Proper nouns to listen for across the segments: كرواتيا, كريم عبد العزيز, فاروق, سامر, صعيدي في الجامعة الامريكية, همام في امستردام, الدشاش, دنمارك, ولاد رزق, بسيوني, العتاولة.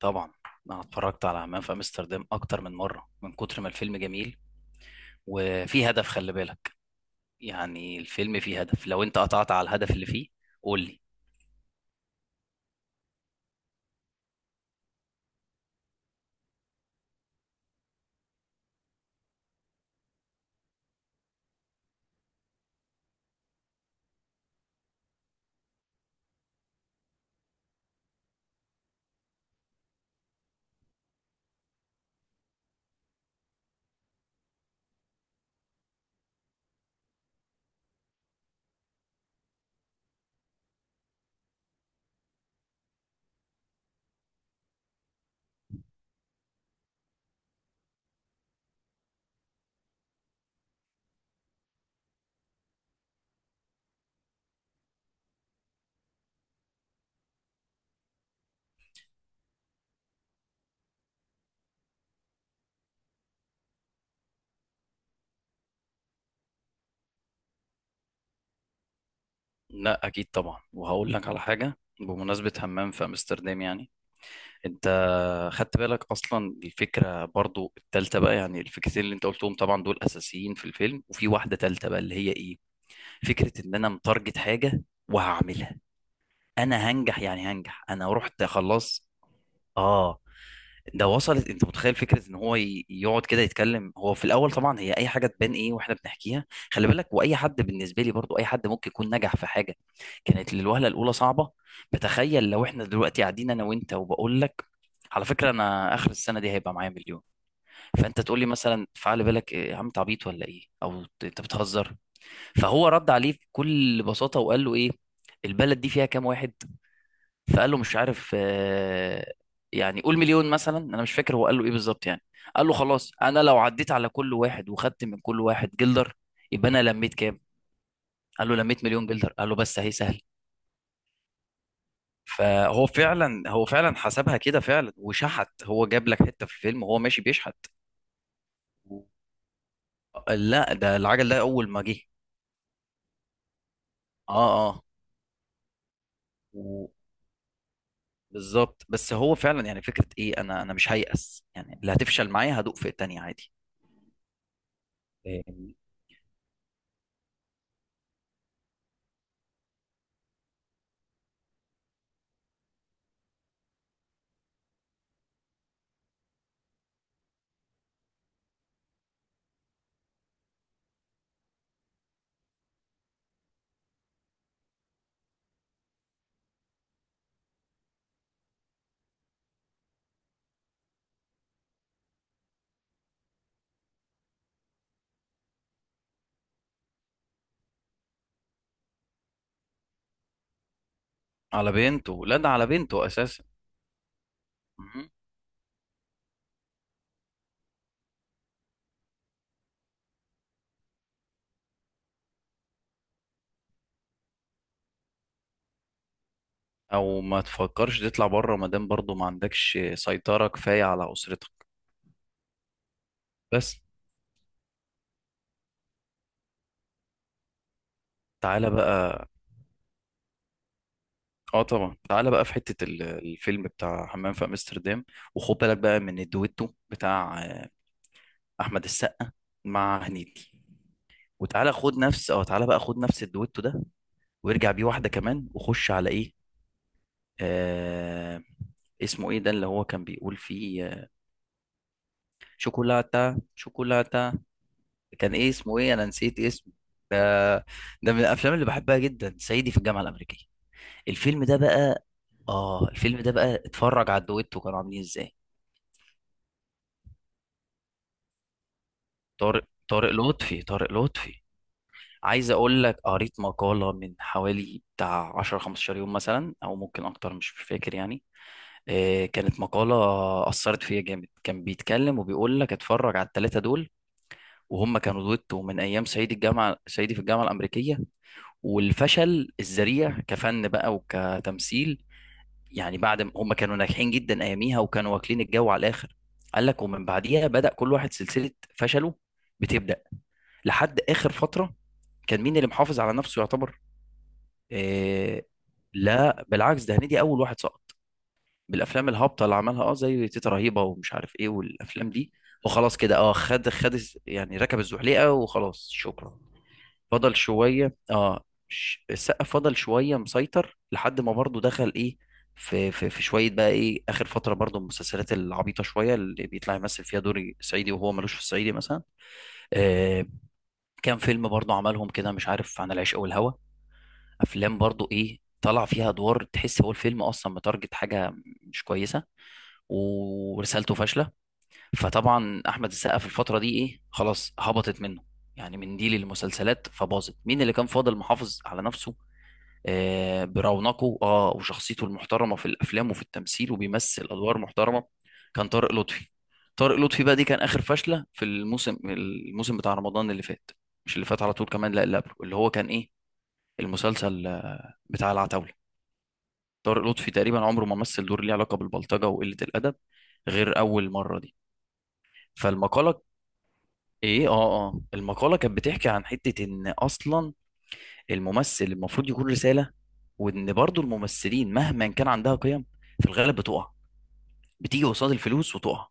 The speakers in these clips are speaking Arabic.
طبعا، انا اتفرجت على همام في امستردام اكتر من مره من كتر ما الفيلم جميل. وفي هدف خلي بالك، يعني الفيلم فيه هدف. لو انت قطعت على الهدف اللي فيه قول لي. لا اكيد طبعا، وهقول لك على حاجه بمناسبه همام في امستردام. يعني انت خدت بالك اصلا الفكره برضو التالتة بقى؟ يعني الفكرتين اللي انت قلتهم طبعا دول اساسيين في الفيلم، وفي واحده تالتة بقى اللي هي ايه. فكره ان انا متارجت حاجه وهعملها، انا هنجح، يعني هنجح، انا رحت خلاص. اه، ده وصلت؟ انت متخيل فكره ان هو يقعد كده يتكلم؟ هو في الاول طبعا هي اي حاجه تبان ايه واحنا بنحكيها. خلي بالك واي حد بالنسبه لي، برضو اي حد ممكن يكون نجح في حاجه كانت للوهله الاولى صعبه. بتخيل لو احنا دلوقتي قاعدين انا وانت، وبقول لك على فكره انا اخر السنه دي هيبقى معايا مليون، فانت تقول لي مثلا فعلى بالك إيه يا عم، انت عبيط ولا ايه، او انت بتهزر. فهو رد عليه بكل بساطه وقال له ايه، البلد دي فيها كام واحد؟ فقال له مش عارف، يعني قول مليون مثلا، انا مش فاكر هو قال له ايه بالظبط يعني. قال له خلاص انا لو عديت على كل واحد وخدت من كل واحد جلدر، يبقى انا لميت كام؟ قال له لميت مليون جلدر. قال له بس اهي سهل. فهو فعلا، هو فعلا حسبها كده فعلا وشحت، هو جاب لك حتة في الفيلم وهو ماشي بيشحت. و- لا ده العجل ده اول ما جه. اه اه. و- بالظبط. بس هو فعلا يعني فكرة ايه، انا مش هيأس، يعني اللي هتفشل معايا هدوق في التانية عادي. على بنته، لا ده على بنته اساسا. مهم. او ما تفكرش تطلع بره ما دام برضه ما عندكش سيطرة كفاية على اسرتك. بس تعالى بقى. اه طبعا، تعالى بقى في حتة الفيلم بتاع حمام في امستردام، وخد بالك بقى من الدويتو بتاع احمد السقا مع هنيدي. وتعالى خد نفس، اه تعالى بقى خد نفس الدويتو ده وارجع بيه واحدة كمان، وخش على ايه، آه... اسمه ايه ده اللي هو كان بيقول فيه شوكولاتة شوكولاتة. كان ايه اسمه، ايه انا نسيت اسمه. ده، ده من الافلام اللي بحبها جدا، صعيدي في الجامعه الامريكيه. الفيلم ده بقى، اه الفيلم ده بقى اتفرج على الدويتو كانوا عاملين ازاي. طارق، طارق لطفي. عايز اقول لك، قريت مقاله من حوالي بتاع 10 15 يوم مثلا او ممكن اكتر مش فاكر يعني. كانت مقاله اثرت فيا جامد، كان بيتكلم وبيقول لك اتفرج على الثلاثه دول، وهم كانوا دويتو من ايام صعيدي الجامعه، صعيدي في الجامعه الامريكيه. والفشل الذريع كفن بقى وكتمثيل، يعني بعد ما هم كانوا ناجحين جدا اياميها وكانوا واكلين الجو على الاخر، قال لك ومن بعديها بدأ كل واحد سلسلة فشله بتبدأ لحد اخر فترة. كان مين اللي محافظ على نفسه يعتبر؟ إيه، لا بالعكس ده هنيدي اول واحد سقط بالافلام الهابطة اللي عملها، اه زي تيتا رهيبة ومش عارف ايه، والافلام دي. وخلاص كده، اه خد خد يعني ركب الزحليقة وخلاص شكرا. فضل شوية، اه السقا فضل شوية مسيطر لحد ما برضه دخل ايه في شوية بقى ايه اخر فترة برضه المسلسلات العبيطة شوية اللي بيطلع يمثل فيها دور صعيدي وهو ملوش في الصعيدي مثلا. آه، كام فيلم برضه عملهم كده مش عارف، عن العشق والهوى، افلام برضه ايه طلع فيها ادوار تحس هو الفيلم اصلا متارجت حاجة مش كويسة، ورسالته فاشلة. فطبعا احمد السقا في الفترة دي ايه خلاص هبطت منه، يعني من دي للمسلسلات فباظت. مين اللي كان فاضل محافظ على نفسه؟ برونقه، اه وشخصيته المحترمه في الافلام وفي التمثيل وبيمثل ادوار محترمه، كان طارق لطفي. طارق لطفي بقى دي كان اخر فشله في الموسم، الموسم بتاع رمضان اللي فات. مش اللي فات على طول كمان، لا اللي قبله، اللي هو كان ايه المسلسل بتاع العتاوله. طارق لطفي تقريبا عمره ما مثل دور ليه علاقه بالبلطجه وقله الادب غير اول مره دي. فالمقاله ايه، اه اه المقاله كانت بتحكي عن حته ان اصلا الممثل المفروض يكون رسالة، وان برضو الممثلين مهما كان عندها قيم في الغالب بتقع، بتيجي قصاد الفلوس وتقع.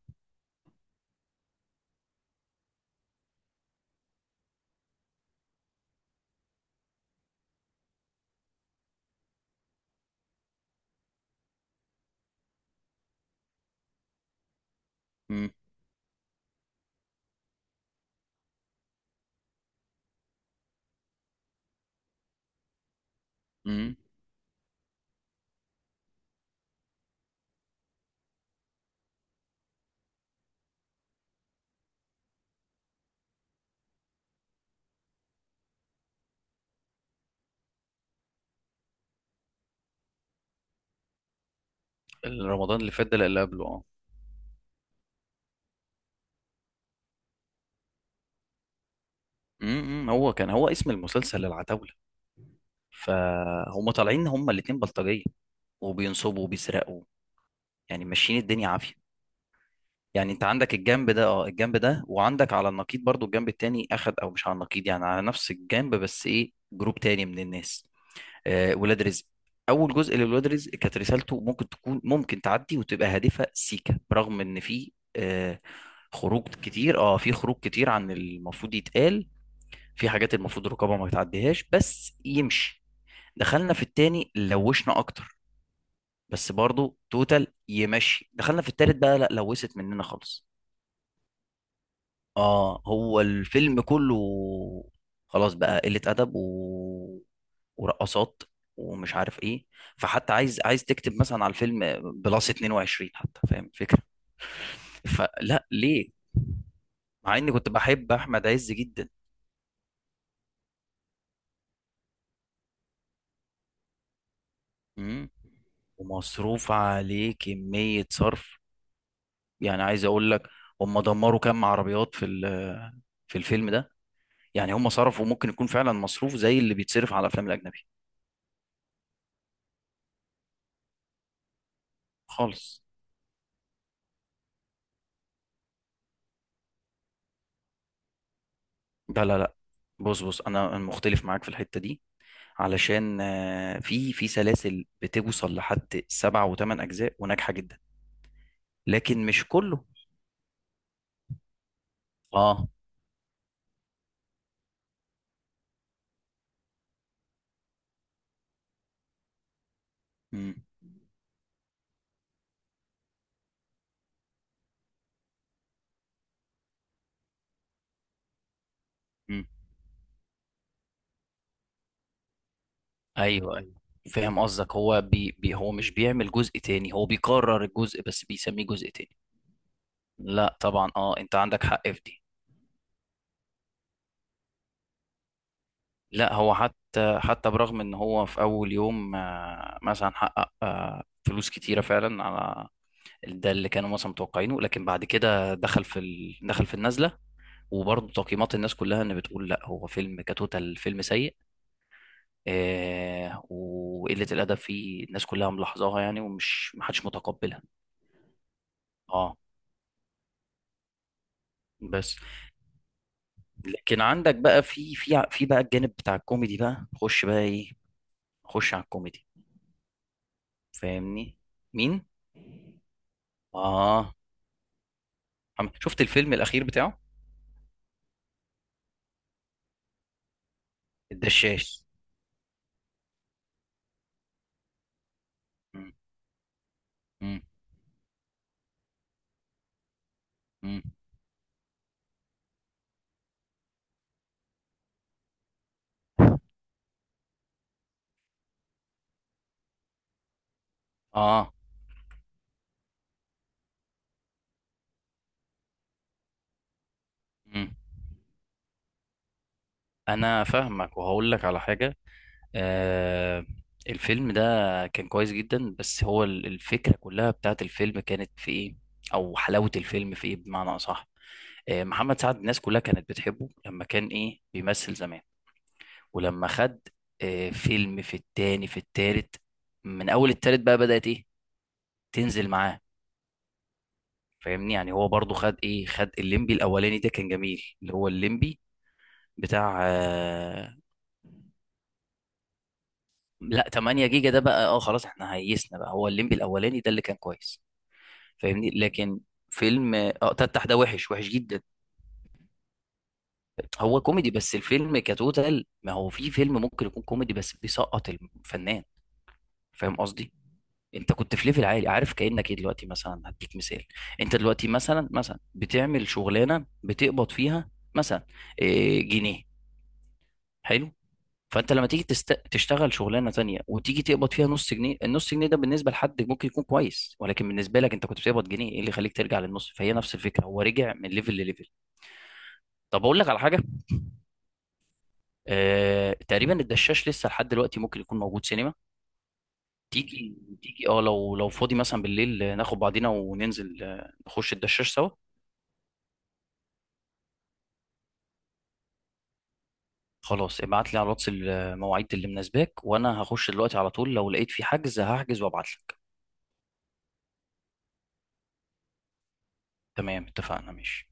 امم. امم. رمضان اللي فات ده لا، اللي قبله اه. امم، هو كان، هو اسم المسلسل العتاولة. فهم طالعين هم الاتنين بلطجية، وبينصبوا وبيسرقوا، يعني ماشيين الدنيا عافية. يعني انت عندك الجنب ده، اه الجنب ده، وعندك على النقيض برضو الجنب التاني اخد، او مش على النقيض، يعني على نفس الجنب بس ايه جروب تاني من الناس، ولاد رزق. اول جزء لولاد رزق كانت رسالته ممكن تكون، ممكن تعدي وتبقى هادفه سيكه، برغم ان في خروج كتير، اه في خروج كتير عن المفروض يتقال، في حاجات المفروض الرقابه ما تعديهاش، بس يمشي. دخلنا في التاني، لوشنا اكتر بس برضو توتال يمشي. دخلنا في التالت بقى، لا لوست مننا خالص. اه هو الفيلم كله خلاص بقى قلة أدب و... ورقصات ومش عارف ايه. فحتى عايز تكتب مثلا على الفيلم بلس 22 حتى، فاهم الفكرة. فلا ليه، مع اني كنت بحب احمد عز جدا. مم. ومصروف عليه كمية صرف. يعني عايز اقول لك، هم دمروا كام عربيات في في الفيلم ده. يعني هم صرفوا ممكن يكون فعلا مصروف زي اللي بيتصرف على الافلام الاجنبي خالص. لا لا لا، بص بص انا مختلف معاك في الحته دي. علشان في سلاسل بتوصل لحد سبع وثمان اجزاء وناجحه جدا، لكن مش كله. اه. مم. مم. ايوه ايوه، فاهم قصدك. هو بي هو مش بيعمل جزء تاني، هو بيكرر الجزء بس بيسميه جزء تاني. لا طبعا، اه انت عندك حق في دي. لا هو حتى، حتى برغم ان هو في اول يوم مثلا حقق فلوس كتيرة فعلا، على ده اللي كانوا مثلا متوقعينه، لكن بعد كده دخل في دخل في النزله. وبرضه تقييمات الناس كلها، ان بتقول لا هو فيلم كتوتال فيلم سيء، آه وقله الادب فيه الناس كلها ملاحظاها يعني، ومش محدش متقبلها. اه بس. لكن عندك بقى في في بقى الجانب بتاع الكوميدي بقى خش بقى ايه، خش على الكوميدي. فاهمني. مين؟ اه، عم- شفت الفيلم الاخير بتاعه؟ الدشاش. مم. مم. مم. اه. مم. انا فاهمك، وهقول لك على حاجه. آه، الفيلم ده كان كويس جدا، بس هو الفكره كلها بتاعت الفيلم كانت في ايه، او حلاوه الفيلم في ايه بمعنى اصح. آه، محمد سعد الناس كلها كانت بتحبه لما كان ايه بيمثل زمان. ولما خد آه فيلم في التاني في التالت، من اول التالت بقى بدات ايه تنزل معاه. فاهمني يعني، هو برضو خد ايه، خد الليمبي الاولاني ده كان جميل، اللي هو الليمبي بتاع، لا 8 جيجا ده بقى اه خلاص احنا هيسنا بقى، هو الليمبي الاولاني ده اللي كان كويس. فاهمني، لكن فيلم اه تفتح ده وحش، وحش جدا. هو كوميدي بس الفيلم كتوتال، ما هو في فيلم ممكن يكون كوميدي بس بيسقط الفنان، فاهم قصدي. انت كنت في ليفل عالي عارف، كأنك ايه دلوقتي مثلا، هديك مثال. انت دلوقتي مثلا، مثلا بتعمل شغلانه بتقبض فيها مثلا اه، جنيه. حلو. فانت لما تيجي تست... تشتغل شغلانه تانية، وتيجي تقبض فيها نص جنيه، النص جنيه ده بالنسبه لحد ممكن يكون كويس، ولكن بالنسبه لك انت كنت بتقبض جنيه، ايه اللي يخليك ترجع للنص؟ فهي نفس الفكره، هو رجع من ليفل لليفل. طب اقول لك على حاجه. آه... تقريبا الدشاش لسه لحد دلوقتي ممكن يكون موجود سينما. تيجي، تيجي اه لو لو فاضي مثلا بالليل ناخد بعضينا وننزل نخش الدشاش سوا. خلاص ابعت لي على الواتس المواعيد اللي مناسباك، وانا هخش دلوقتي على طول لو لقيت في حجز هحجز وابعت لك. تمام، اتفقنا، ماشي.